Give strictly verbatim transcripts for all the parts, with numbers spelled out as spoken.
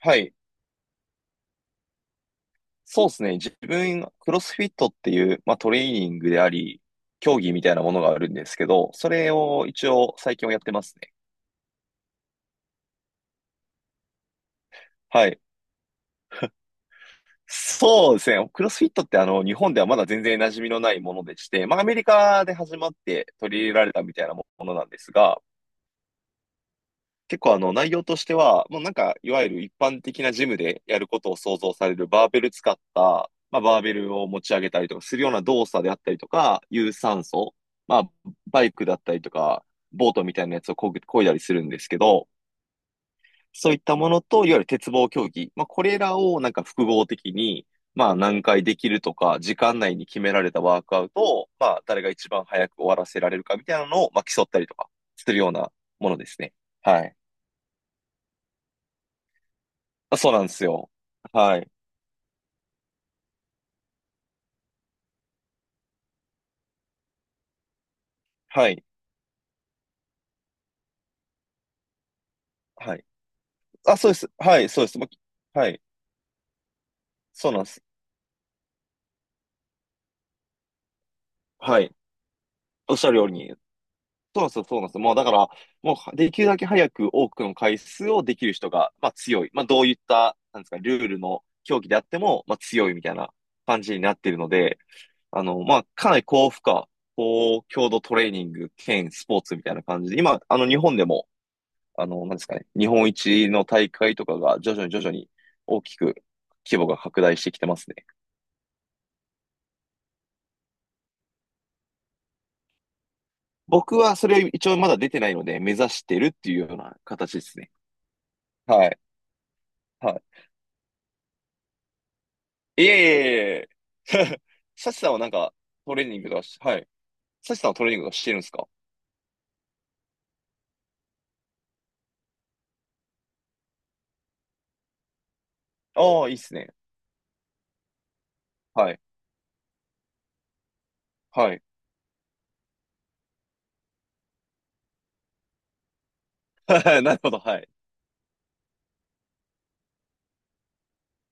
はい。そうですね。自分、クロスフィットっていう、まあ、トレーニングであり、競技みたいなものがあるんですけど、それを一応最近はやってますね。はい。そうですね。クロスフィットってあの、日本ではまだ全然馴染みのないものでして、まあ、アメリカで始まって取り入れられたみたいなものなんですが、結構あの内容としては、もうなんか、いわゆる一般的なジムでやることを想像されるバーベル使った、まあバーベルを持ち上げたりとかするような動作であったりとか、有酸素、まあバイクだったりとか、ボートみたいなやつをこぐ、漕いだりするんですけど、そういったものと、いわゆる鉄棒競技、まあこれらをなんか複合的に、まあ何回できるとか、時間内に決められたワークアウトを、まあ誰が一番早く終わらせられるかみたいなのを、まあ競ったりとかするようなものですね。はい。あ、そうなんですよ。はい。はい。はい。あ、そうです。はい、そうです。もう、はい。そうなんです。はい。おっしゃるように。そうなんですよ、そうなんですよ。もうだから、もうできるだけ早く多くの回数をできる人が、まあ強い。まあどういった、なんですか、ルールの競技であっても、まあ強いみたいな感じになっているので、あの、まあかなり高負荷、高強度トレーニング兼スポーツみたいな感じで、今、あの日本でも、あの、なんですかね、日本一の大会とかが徐々に徐々に大きく規模が拡大してきてますね。僕はそれは一応まだ出てないので、目指してるっていうような形ですね。はい。はい。いえいえいえいえ。サチさんはなんかトレーニングとかし、はい。サチさんはトレーニングとかしてるんですか？ああ、いいっすね。はい。はい。なるほど。はい。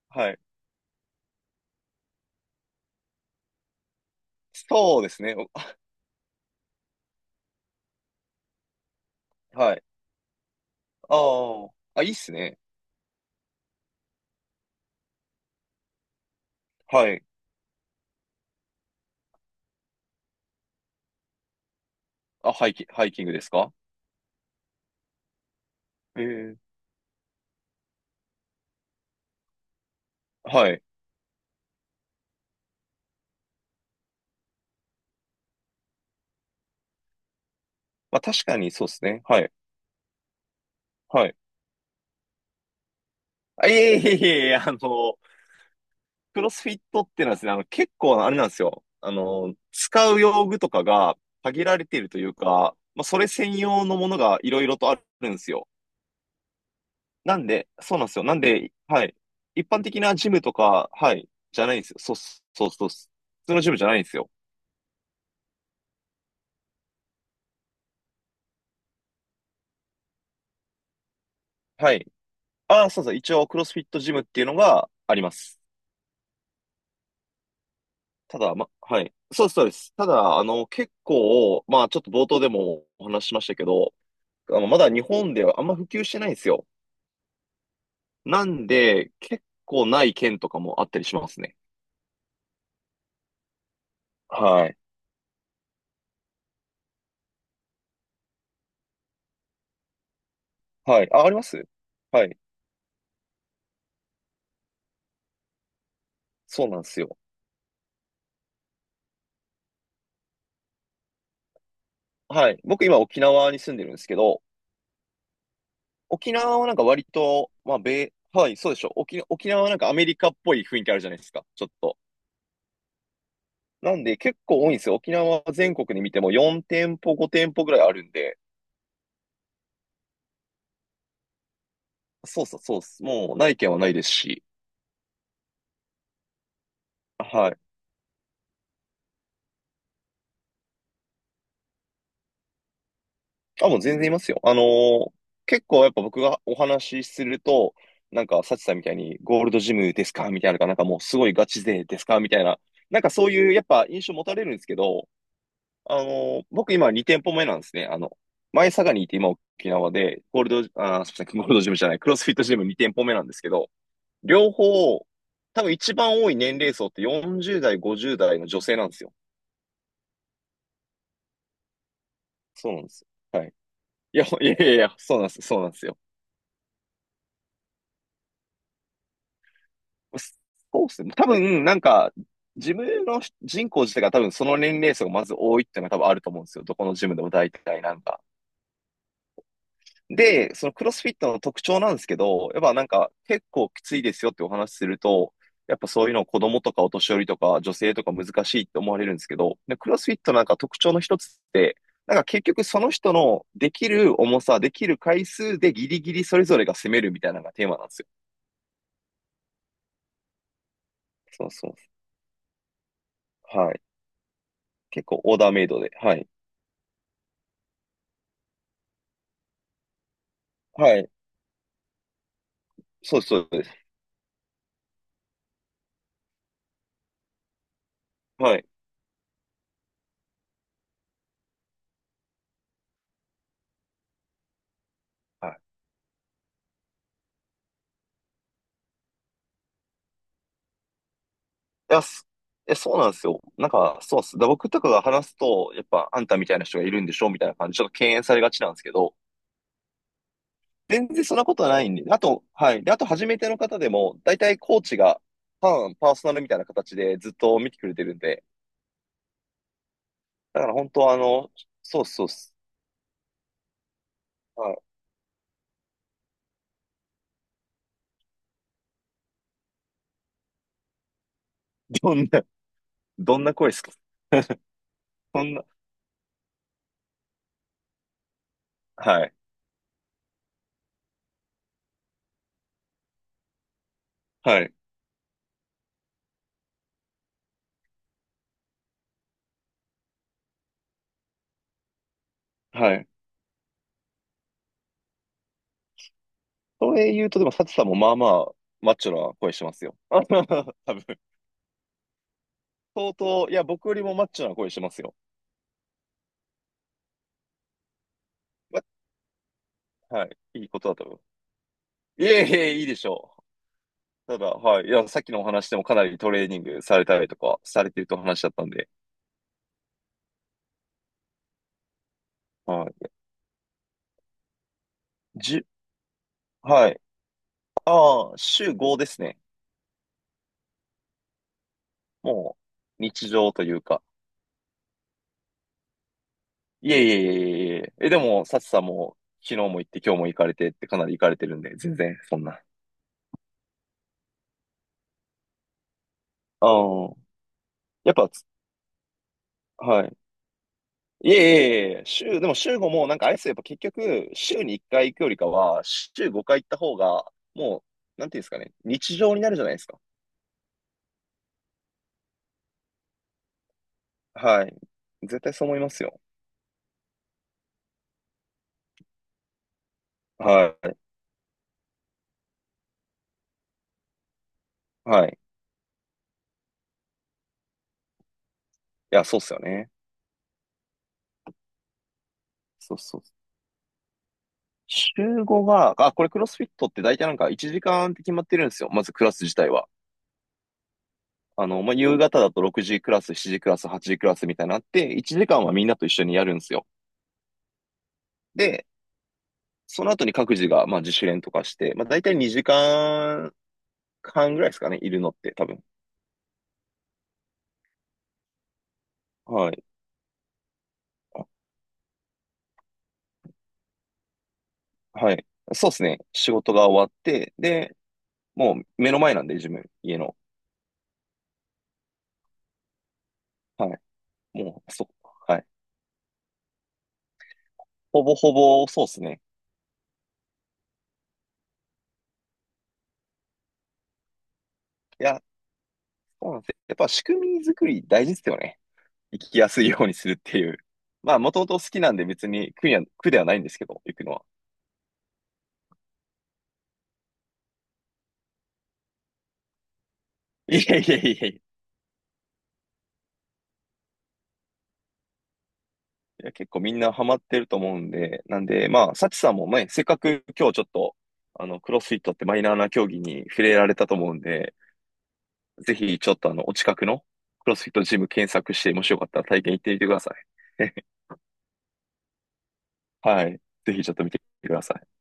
はい。そうですね。おはい。ああ。あ、いいっすね。はい。あ、ハイキ、ハイキングですか？ええ。はい。まあ確かにそうですね。はい。はい。あ、いえいえいえいえ、あの、クロスフィットっていうのはですね、あの、結構あれなんですよ。あの、使う用具とかが限られているというか、まあ、それ専用のものがいろいろとあるんですよ。なんで、そうなんですよ。なんで、はい。一般的なジムとか、はい、じゃないんですよ。そう、そう、そう、普通のジムじゃないんですよ。はい。ああ、そうそう。一応、クロスフィットジムっていうのがあります。ただ、ま、はい。そうです、そうです。ただ、あの、結構、まあ、ちょっと冒頭でもお話ししましたけど、あの、まだ日本ではあんま普及してないんですよ。なんで、結構ない県とかもあったりしますね。はい。はい。あ、あります。はい。そうなんですよ。はい。僕今沖縄に住んでるんですけど、沖縄はなんか割と、まあ、米、はい、そうでしょ。沖、沖縄はなんかアメリカっぽい雰囲気あるじゃないですか。ちょっと。なんで結構多いんですよ。沖縄は全国で見てもよん店舗、ご店舗ぐらいあるんで、そうそうそうっす。もうない県はないですし。はい。あ、もう全然いますよ。あのー結構やっぱ僕がお話しすると、なんか、サチさんみたいに、ゴールドジムですかみたいなのか、なんかもうすごいガチ勢ですかみたいな、なんかそういう、やっぱ印象持たれるんですけど、あのー僕今に店舗目なんですね。あの、前佐賀にいて今沖縄で、ゴールド、あー、すみません、ゴールドジムじゃない、クロスフィットジムに店舗目なんですけど、両方、多分一番多い年齢層ってよんじゅう代、ごじゅう代の女性なんですよ。そうなんです。はい。いや、いやいやいや、そうなんです、そうなんですよ。そうですね。多分、なんか、自分の人口自体が多分その年齢層がまず多いっていうのが多分あると思うんですよ。どこのジムでも大体なんか。で、そのクロスフィットの特徴なんですけど、やっぱなんか結構きついですよってお話しすると、やっぱそういうのを子供とかお年寄りとか女性とか難しいって思われるんですけど、でクロスフィットなんか特徴の一つって、なんか結局その人のできる重さ、できる回数でギリギリそれぞれが攻めるみたいなのがテーマなんですよ。そうそう。はい。結構オーダーメイドで。はい。はい。そうです、そうです。はい。はい。いや、すえ、そうなんですよ。なんか、そうっす。だ僕とかが話すと、やっぱ、あんたみたいな人がいるんでしょみたいな感じで、ちょっと敬遠されがちなんですけど、全然そんなことはないんで、あと、はい。で、あと、初めての方でも、大体コーチが、パン、パーソナルみたいな形でずっと見てくれてるんで、だから本当は、あの、そうっす、そうっす。はい。どんな、どんな声ですか？そんな、はい。はい。はい。それ言うと、でも、サチさんもまあまあ、マッチョな声してますよ。多分。相当、いや、僕よりもマッチョな声してますよ。はい。いいことだと思う。いえいえ、いいでしょう。ただ、はい。いや、さっきのお話でもかなりトレーニングされたりとか、されてると話だったんで。はい。じゅ、はい。ああ、週ごですね。もう、日常というか。いえいえいえいえいえ。え、でも、サチさんも、昨日も行って、今日も行かれてってかなり行かれてるんで、全然、そんな。ああ、やっぱ、はい。いえいえいえ、週、でも週ごもなんかあれですよ、やっぱ結局、週にいっかい行くよりかは、週ごかい行った方が、もう、なんていうんですかね、日常になるじゃないですか。はい。絶対そう思いますよ。はい。はい。いや、そうっすよね。そうそう。週ごが、あ、これクロスフィットって大体なんかいちじかんって決まってるんですよ。まずクラス自体は。あの、まあ、夕方だとろくじクラス、しちじクラス、はちじクラスみたいになのあって、いちじかんはみんなと一緒にやるんですよ。で、その後に各自が、まあ、自主練とかして、まあ、大体にじはんぐらいですかね、いるのって多分。はい。あはい。そうですね。仕事が終わって、で、もう目の前なんで、自分、家の。はい。もう、そう。はい。ほぼほぼ、そうですね。いや、そうなんですよ。やっぱ仕組み作り大事ですよね。生きやすいようにするっていう。まあ、もともと好きなんで別に苦には、苦ではないんですけど、行くのは。いやいやいやいや。いや、結構みんなハマってると思うんで、なんで、まあ、サチさんもね、せっかく今日ちょっと、あの、クロスフィットってマイナーな競技に触れられたと思うんで、ぜひ、ちょっとあの、お近くのクロスフィットジム検索して、もしよかったら体験行ってみてください。はい。ぜひちょっと見てください。